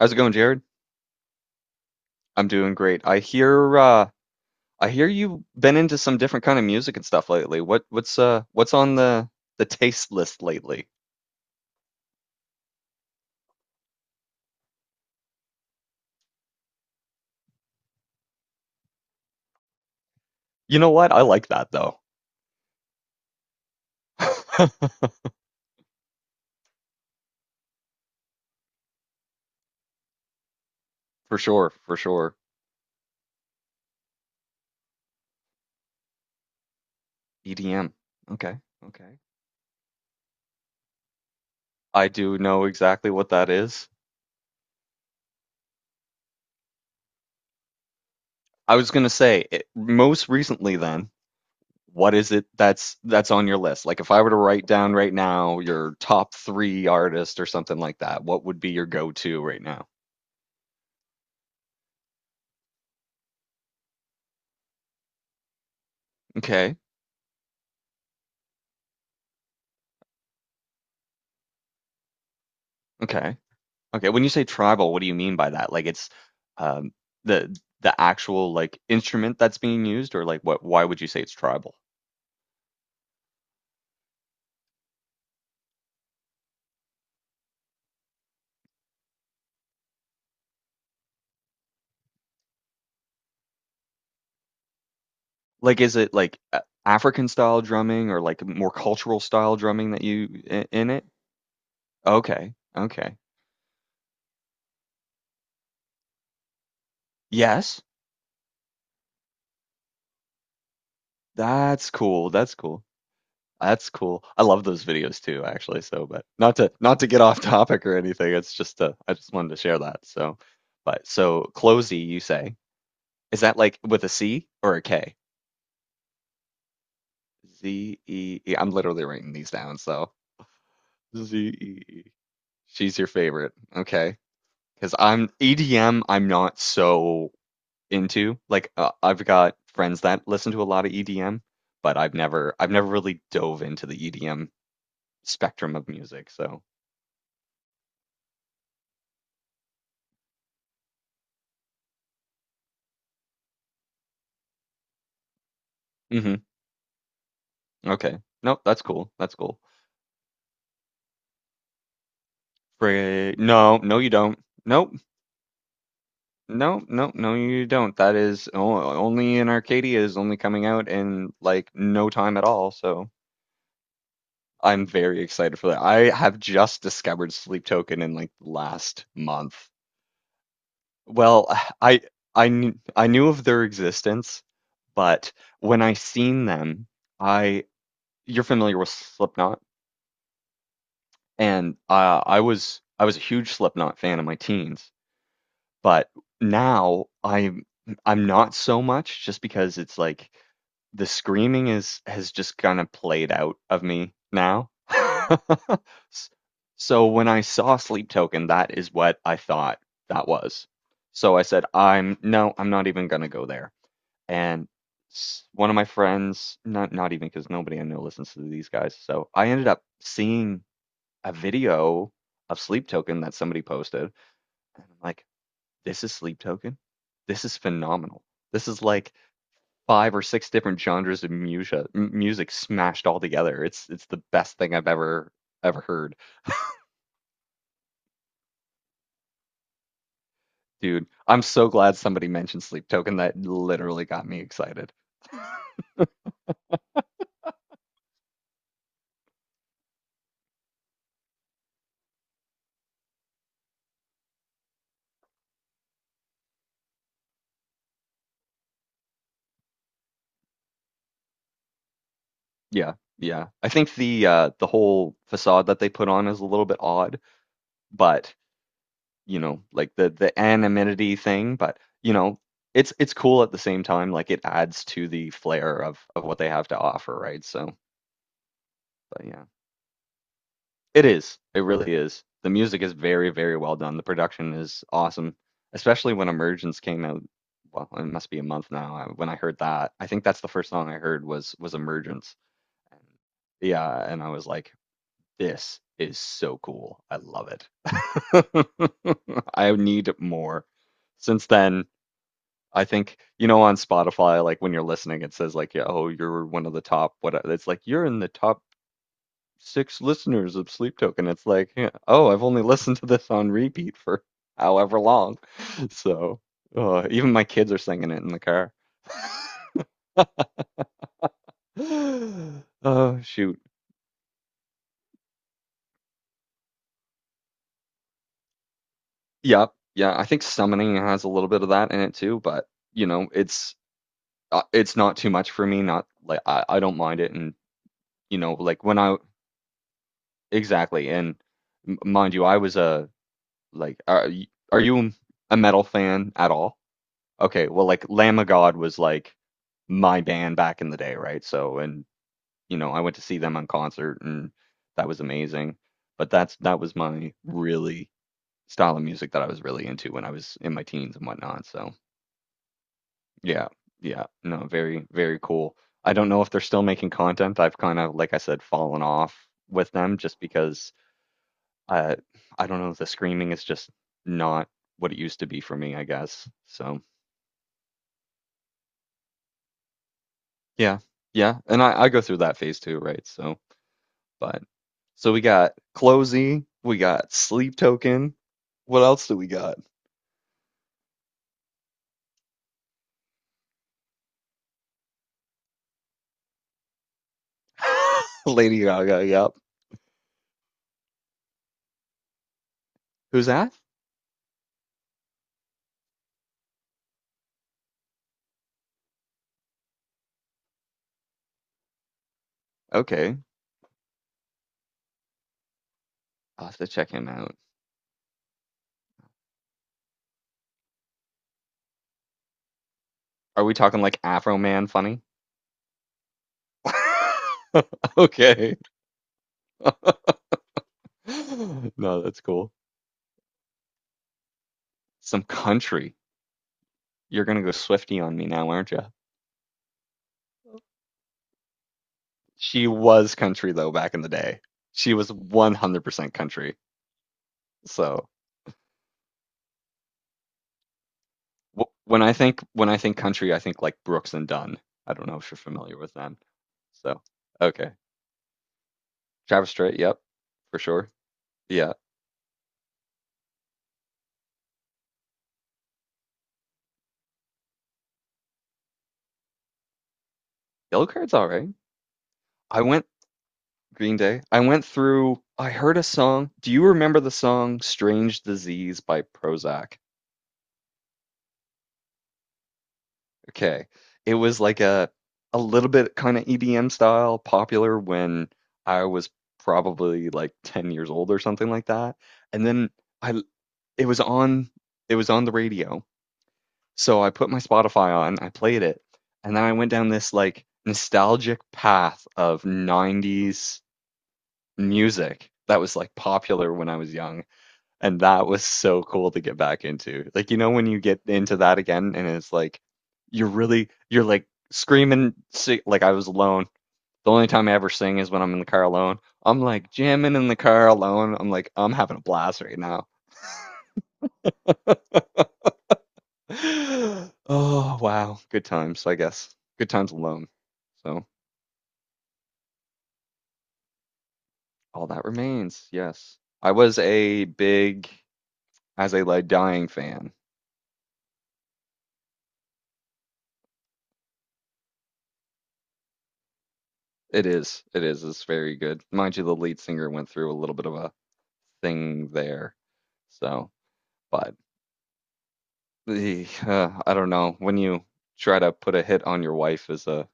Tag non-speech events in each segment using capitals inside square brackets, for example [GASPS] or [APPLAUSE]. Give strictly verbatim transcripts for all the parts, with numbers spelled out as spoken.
How's it going, Jared? I'm doing great. I hear uh I hear you've been into some different kind of music and stuff lately. What what's uh what's on the the taste list lately? You know what? I like that though. [LAUGHS] For sure, for sure. E D M. Okay, okay. I do know exactly what that is. I was gonna say it, most recently then, what is it that's that's on your list? Like if I were to write down right now your top three artists or something like that, what would be your go-to right now? Okay, okay. Okay, when you say tribal, what do you mean by that? Like it's um the the actual like instrument that's being used or like what why would you say it's tribal? Like is it like a- African style drumming or like more cultural style drumming that you i- in it? Okay. Okay. Yes. That's cool. That's cool. That's cool. I love those videos too, actually. So, but not to not to get off [LAUGHS] topic or anything. It's just uh, I just wanted to share that. So, but so closey, you say. Is that like with a C or a K? Z E E. I'm literally writing these down, so Z E E. She's your favorite. Okay. Because I'm E D M, I'm not so into. Like uh, I've got friends that listen to a lot of E D M, but I've never I've never really dove into the E D M spectrum of music. So, hmm okay. Nope, that's cool. That's cool. Fre- no, no, you don't. Nope. No, no, no, you don't. That is o- only in Arcadia is only coming out in like no time at all. So. I'm very excited for that. I have just discovered Sleep Token in like last month. Well, I I kn- I knew of their existence, but when I seen them, I you're familiar with Slipknot, and uh, I was I was a huge Slipknot fan in my teens. But now I'm I'm not so much just because it's like the screaming is has just kind of played out of me now. [LAUGHS] S- So when I saw Sleep Token, that is what I thought that was. So I said, I'm no, I'm not even gonna go there. And s- one of my friends, not not even because nobody I know listens to these guys. So I ended up seeing a video of Sleep Token that somebody posted, and I'm like, this is Sleep Token. This is phenomenal. This is like five or six different genres of music, music smashed all together. It's it's the best thing I've ever ever heard, dude. I'm so glad somebody mentioned Sleep Token. That literally got me excited. Yeah, yeah. I think the uh, the whole facade that they put on is a little bit odd, but you know, like the the anonymity thing. But you know, it's it's cool at the same time. Like it adds to the flair of of what they have to offer, right? So, but yeah. It is. It really is. The music is very, very well done. The production is awesome, especially when Emergence came out. Well, it must be a month now. I- When I heard that, I think that's the first song I heard was was Emergence. And yeah, and I was like, this is so cool. I love it. [LAUGHS] I need more. Since then, I think, you know, on Spotify, like when you're listening, it says like, yeah, oh, you're one of the top, what, it's like, you're in the top six listeners of Sleep Token. It's like, yeah, oh, I've only [LAUGHS] listened to this on repeat for however long. [LAUGHS] So, uh, even my kids are singing it in the car. [GASPS] [SIGHS] Oh, shoot. Yep. Yeah, I think summoning has a little bit of that in it too, but you know, it's uh, it's not too much for me. Not like I, I don't mind it, and you know, like when I exactly, and m- mind you, I was a like, are, y- are you a metal fan at all? Okay, well, like Lamb of God was like my band back in the day, right? So, and you know, I went to see them on concert, and that was amazing. But that's that was my really style of music that I was really into when I was in my teens and whatnot. So, yeah, yeah, no, very, very cool. I don't know if they're still making content. I've kind of, like I said, fallen off with them just because uh, I don't know, the screaming is just not what it used to be for me, I guess. So. Yeah. Yeah. And I, I go through that phase too, right? So, but so we got Closey, we got Sleep Token. What else do we got? [LAUGHS] Lady Gaga. Yep. Who's that? Okay. I'll have to check him out. Are we talking like Afro Man funny? [LAUGHS] okay. [LAUGHS] no, that's cool. Some country. You're going to go Swiftie on me now, aren't you? She was country though back in the day. She was one hundred percent country. So, Wh- When I think when I think country, I think like Brooks and Dunn. I don't know if you're familiar with them. So, okay. Travis Strait, yep, for sure. Yeah. Yellow Card's all right. I went Green Day. I went through I heard a song. Do you remember the song Strange Disease by Prozac? Okay. It was like a a little bit kind of E D M style, popular when I was probably like ten years old or something like that. And then I it was on it was on the radio. So I put my Spotify on, I played it, and then I went down this like nostalgic path of nineties music that was like popular when I was young. And that was so cool to get back into. Like, you know, when you get into that again and it's like you're really, you're like screaming, si like I was alone. The only time I ever sing is when I'm in the car alone. I'm like jamming in the car alone. I'm like, I'm having a blast right now. [GASPS] Oh, wow. Good times, I guess. Good times alone. So. All that remains. Yes. I was a big As They Lay Dying fan. It is. It is. It's very good. Mind you, the lead singer went through a little bit of a thing there. So, but the uh, I don't know. When you try to put a hit on your wife is a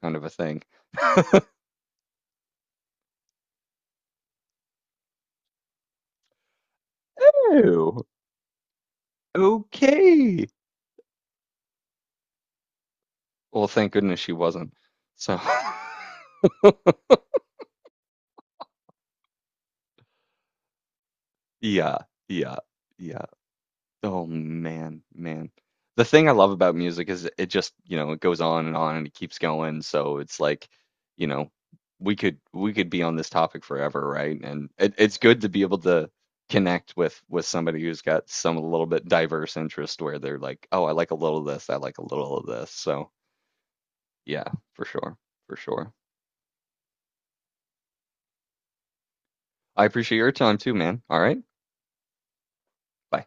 kind of a thing. [LAUGHS] Oh, okay. Well, thank goodness she wasn't. So, [LAUGHS] yeah, yeah, yeah. Oh man, man. The thing I love about music is it just, you know, it goes on and on and it keeps going. So it's like, you know, we could we could be on this topic forever, right? And it, it's good to be able to connect with with somebody who's got some a little bit diverse interest where they're like, oh, I like a little of this, I like a little of this. So yeah, for sure, for sure. I appreciate your time too, man. All right, bye.